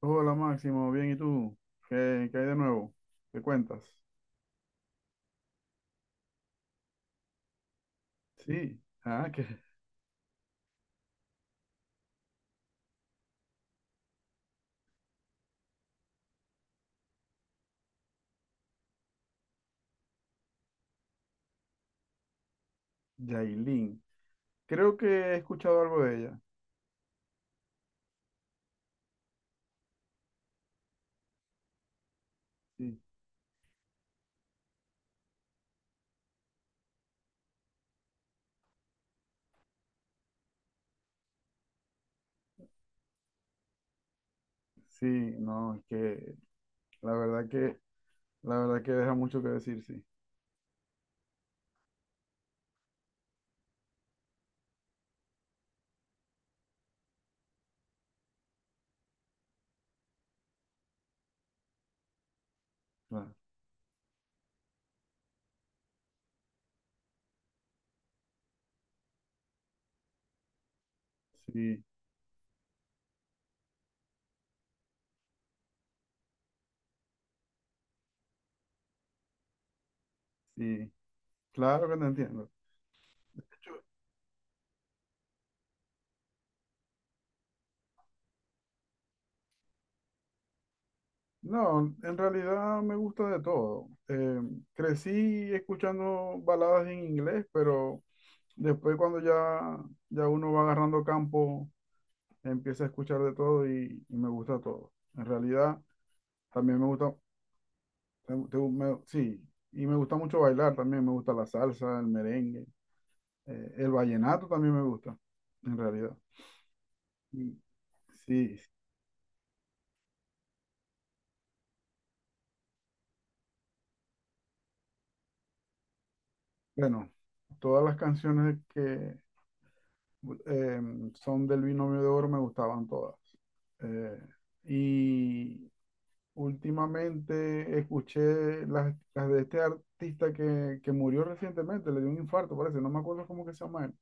Hola Máximo, bien, ¿y tú? ¿Qué hay de nuevo? ¿Qué cuentas? Sí, ah, que Yailin. Creo que he escuchado algo de ella. Sí, sí, no, es que la verdad que, la verdad que deja mucho que decir, sí. Claro, sí, sí, claro que te entiendo. Yo- No, en realidad me gusta de todo. Crecí escuchando baladas en inglés, pero después cuando ya uno va agarrando campo, empiezo a escuchar de todo y me gusta todo. En realidad, también me gusta, sí, y me gusta mucho bailar también, me gusta la salsa, el merengue, el vallenato también me gusta, en realidad. Y sí, bueno, todas las canciones que eh, son del Binomio de Oro me gustaban todas. Eh, y últimamente escuché las de este artista que murió recientemente, le dio un infarto, parece, no me acuerdo cómo que se llama él.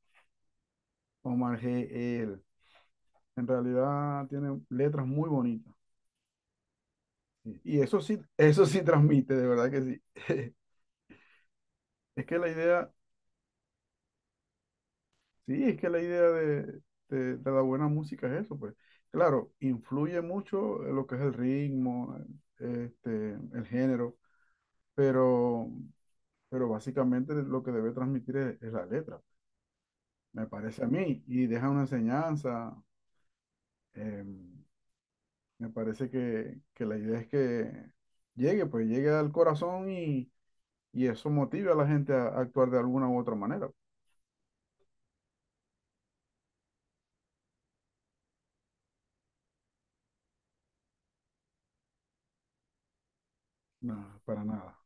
Omar G. L. En realidad tiene letras muy bonitas. Sí. Y eso sí transmite, de verdad que sí. Es que la idea, sí, es que la idea de la buena música es eso, pues. Claro, influye mucho lo que es el ritmo, el género, pero, pero básicamente lo que debe transmitir es la letra, me parece a mí. Y deja una enseñanza. em, Me parece que la idea es que llegue, pues llegue al corazón y eso motive a la gente a actuar de alguna u otra manera. No, para nada,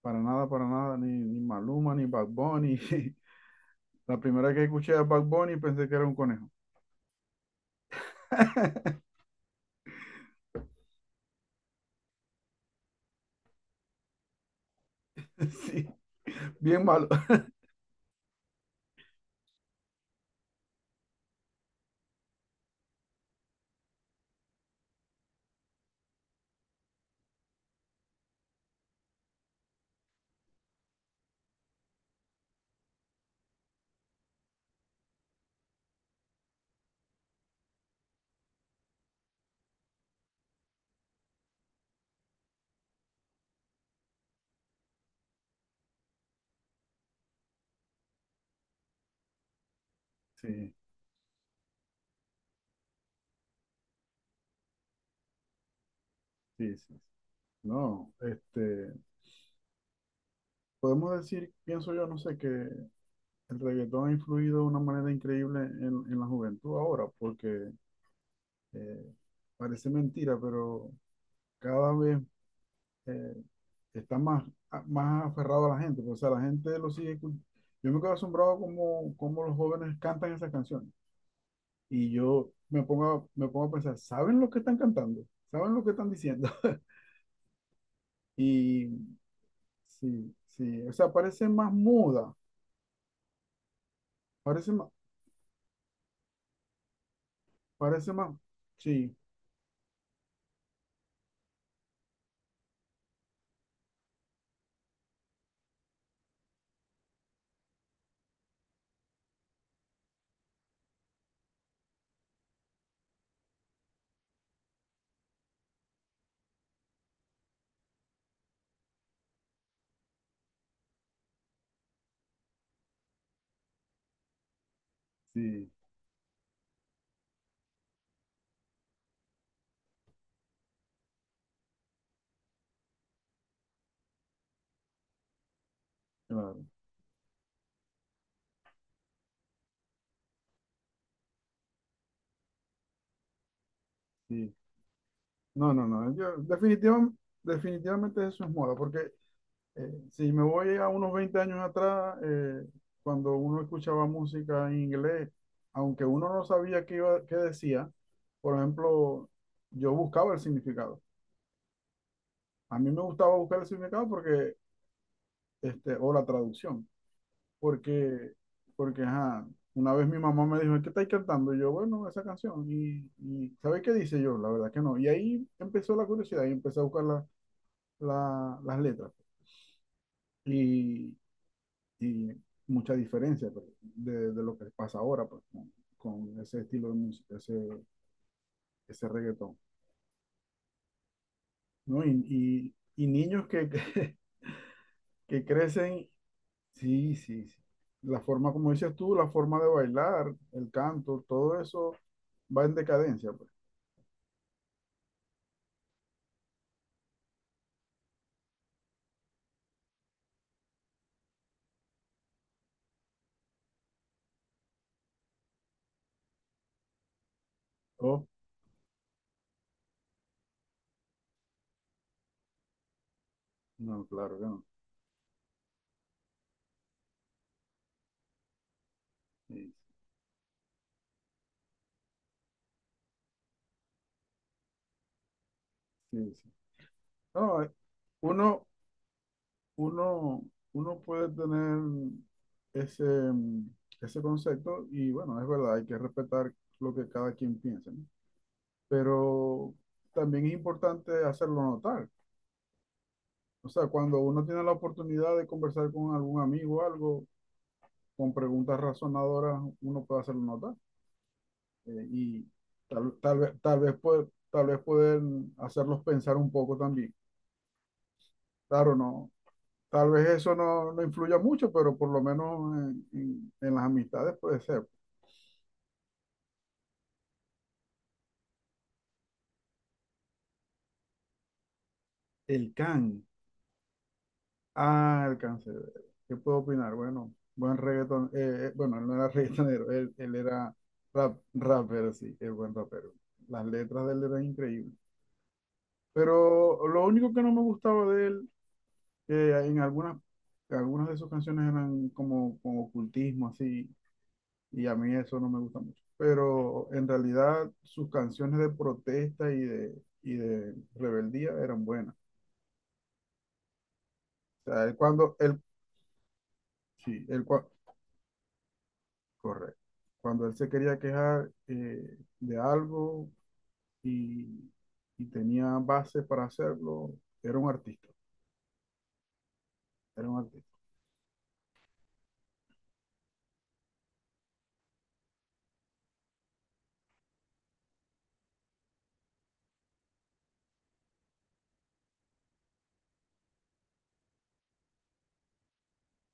para nada, para nada, ni Maluma, ni Bad Bunny. La primera que escuché a Bad Bunny pensé que era un conejo. Sí, bien malo. Sí, sí, sí. No, podemos decir, pienso yo, no sé, que el reggaetón ha influido de una manera increíble en la juventud ahora, porque eh, parece mentira, pero cada vez eh, está más, más aferrado a la gente. Pues, o sea, la gente lo sigue. Yo me quedo asombrado como los jóvenes cantan esas canciones. Y yo me pongo a pensar, ¿saben lo que están cantando? ¿Saben lo que están diciendo? Y sí, sí, o sea, parece más muda, parece más, parece más, sí, sí, claro, sí. No, no, no, yo definitivamente eso es moda, porque si me voy a unos 20 años atrás, cuando uno escuchaba música en inglés, aunque uno no sabía qué decía, por ejemplo, yo buscaba el significado. A mí me gustaba buscar el significado porque, o la traducción, porque, porque, ajá, una vez mi mamá me dijo, ¿qué estáis cantando? Y yo, bueno, esa canción. Y ¿sabéis qué dice yo? La verdad que no. Y ahí empezó la curiosidad y empecé a buscar las letras. y y mucha diferencia pues, de lo que pasa ahora pues, con ese estilo de música, ese reggaetón, ¿no? Y niños que crecen, sí, sí, sí. La forma, como dices tú, la forma de bailar, el canto, todo eso va en decadencia, pues. Oh, no, claro que no. Sí, sí, sí. No, uno, uno, uno puede tener ese, mm, ese concepto y bueno, es verdad, hay que respetar lo que cada quien piensa, ¿no? Pero también es importante hacerlo notar. O sea, cuando uno tiene la oportunidad de conversar con algún amigo o algo, con preguntas razonadoras, uno puede hacerlo notar y tal vez pueden hacerlos pensar un poco también. Claro, no, tal vez eso no influya mucho, pero por lo menos en las amistades puede ser. El can. Ah, el cancerbero. ¿Qué puedo opinar? Bueno, buen reggaeton. Bueno, él no era reggaetonero, él era rapper, sí, el buen rapero. Las letras de él eran increíbles. Pero lo único que no me gustaba de él, que en algunas de sus canciones eran como ocultismo, así. Y a mí eso no me gusta mucho. Pero en realidad sus canciones de protesta y de rebeldía eran buenas. O sea, sí, correcto. Cuando él se quería quejar de algo y, y tenía base para hacerlo, era un artista, era un artista.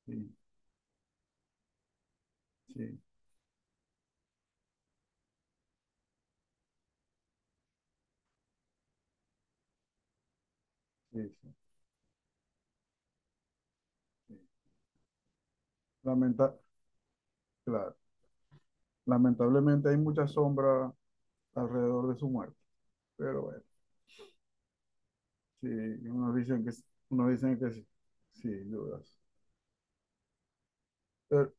Sí, sí, sí, sí, sí. Lamenta- claro, lamentablemente hay mucha sombra alrededor de su muerte, pero bueno. Sí, unos dicen que sí, sí dudas. Pero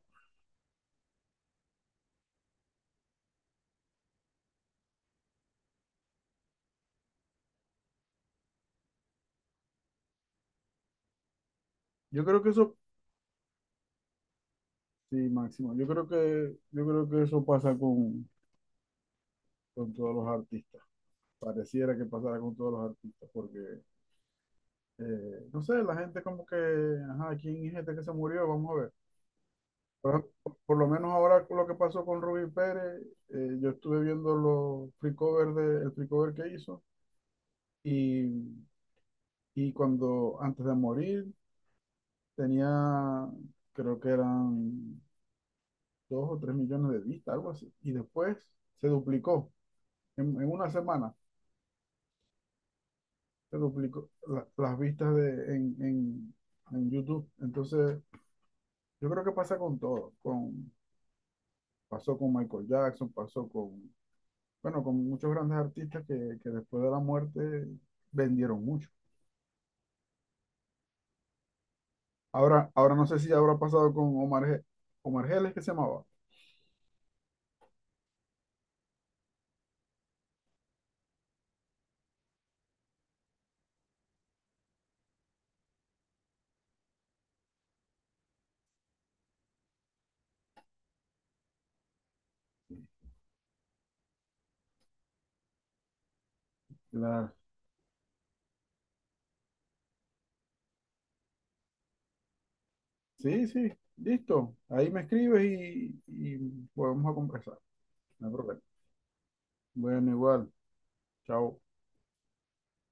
yo creo que eso, sí, Máximo, yo creo que eso pasa con todos los artistas. Pareciera que pasara con todos los artistas, porque, no sé, la gente como que, ajá, ¿quién es este que se murió? Vamos a ver. Por, por lo menos ahora con lo que pasó con Rubén Pérez, yo estuve viendo los free cover el free cover que hizo y, y cuando, antes de morir, tenía, creo que eran 2 o 3 millones de vistas, algo así. Y después se duplicó, en una semana se duplicó las vistas en YouTube. Entonces, yo creo que pasa con todo, pasó con Michael Jackson, pasó con, bueno, con muchos grandes artistas que después de la muerte vendieron mucho. Ahora no sé si habrá pasado con Omar Geles, que se llamaba. La- Sí, sí, listo. Ahí me escribes y podemos a conversar. No hay problema. Bueno, igual. Chao.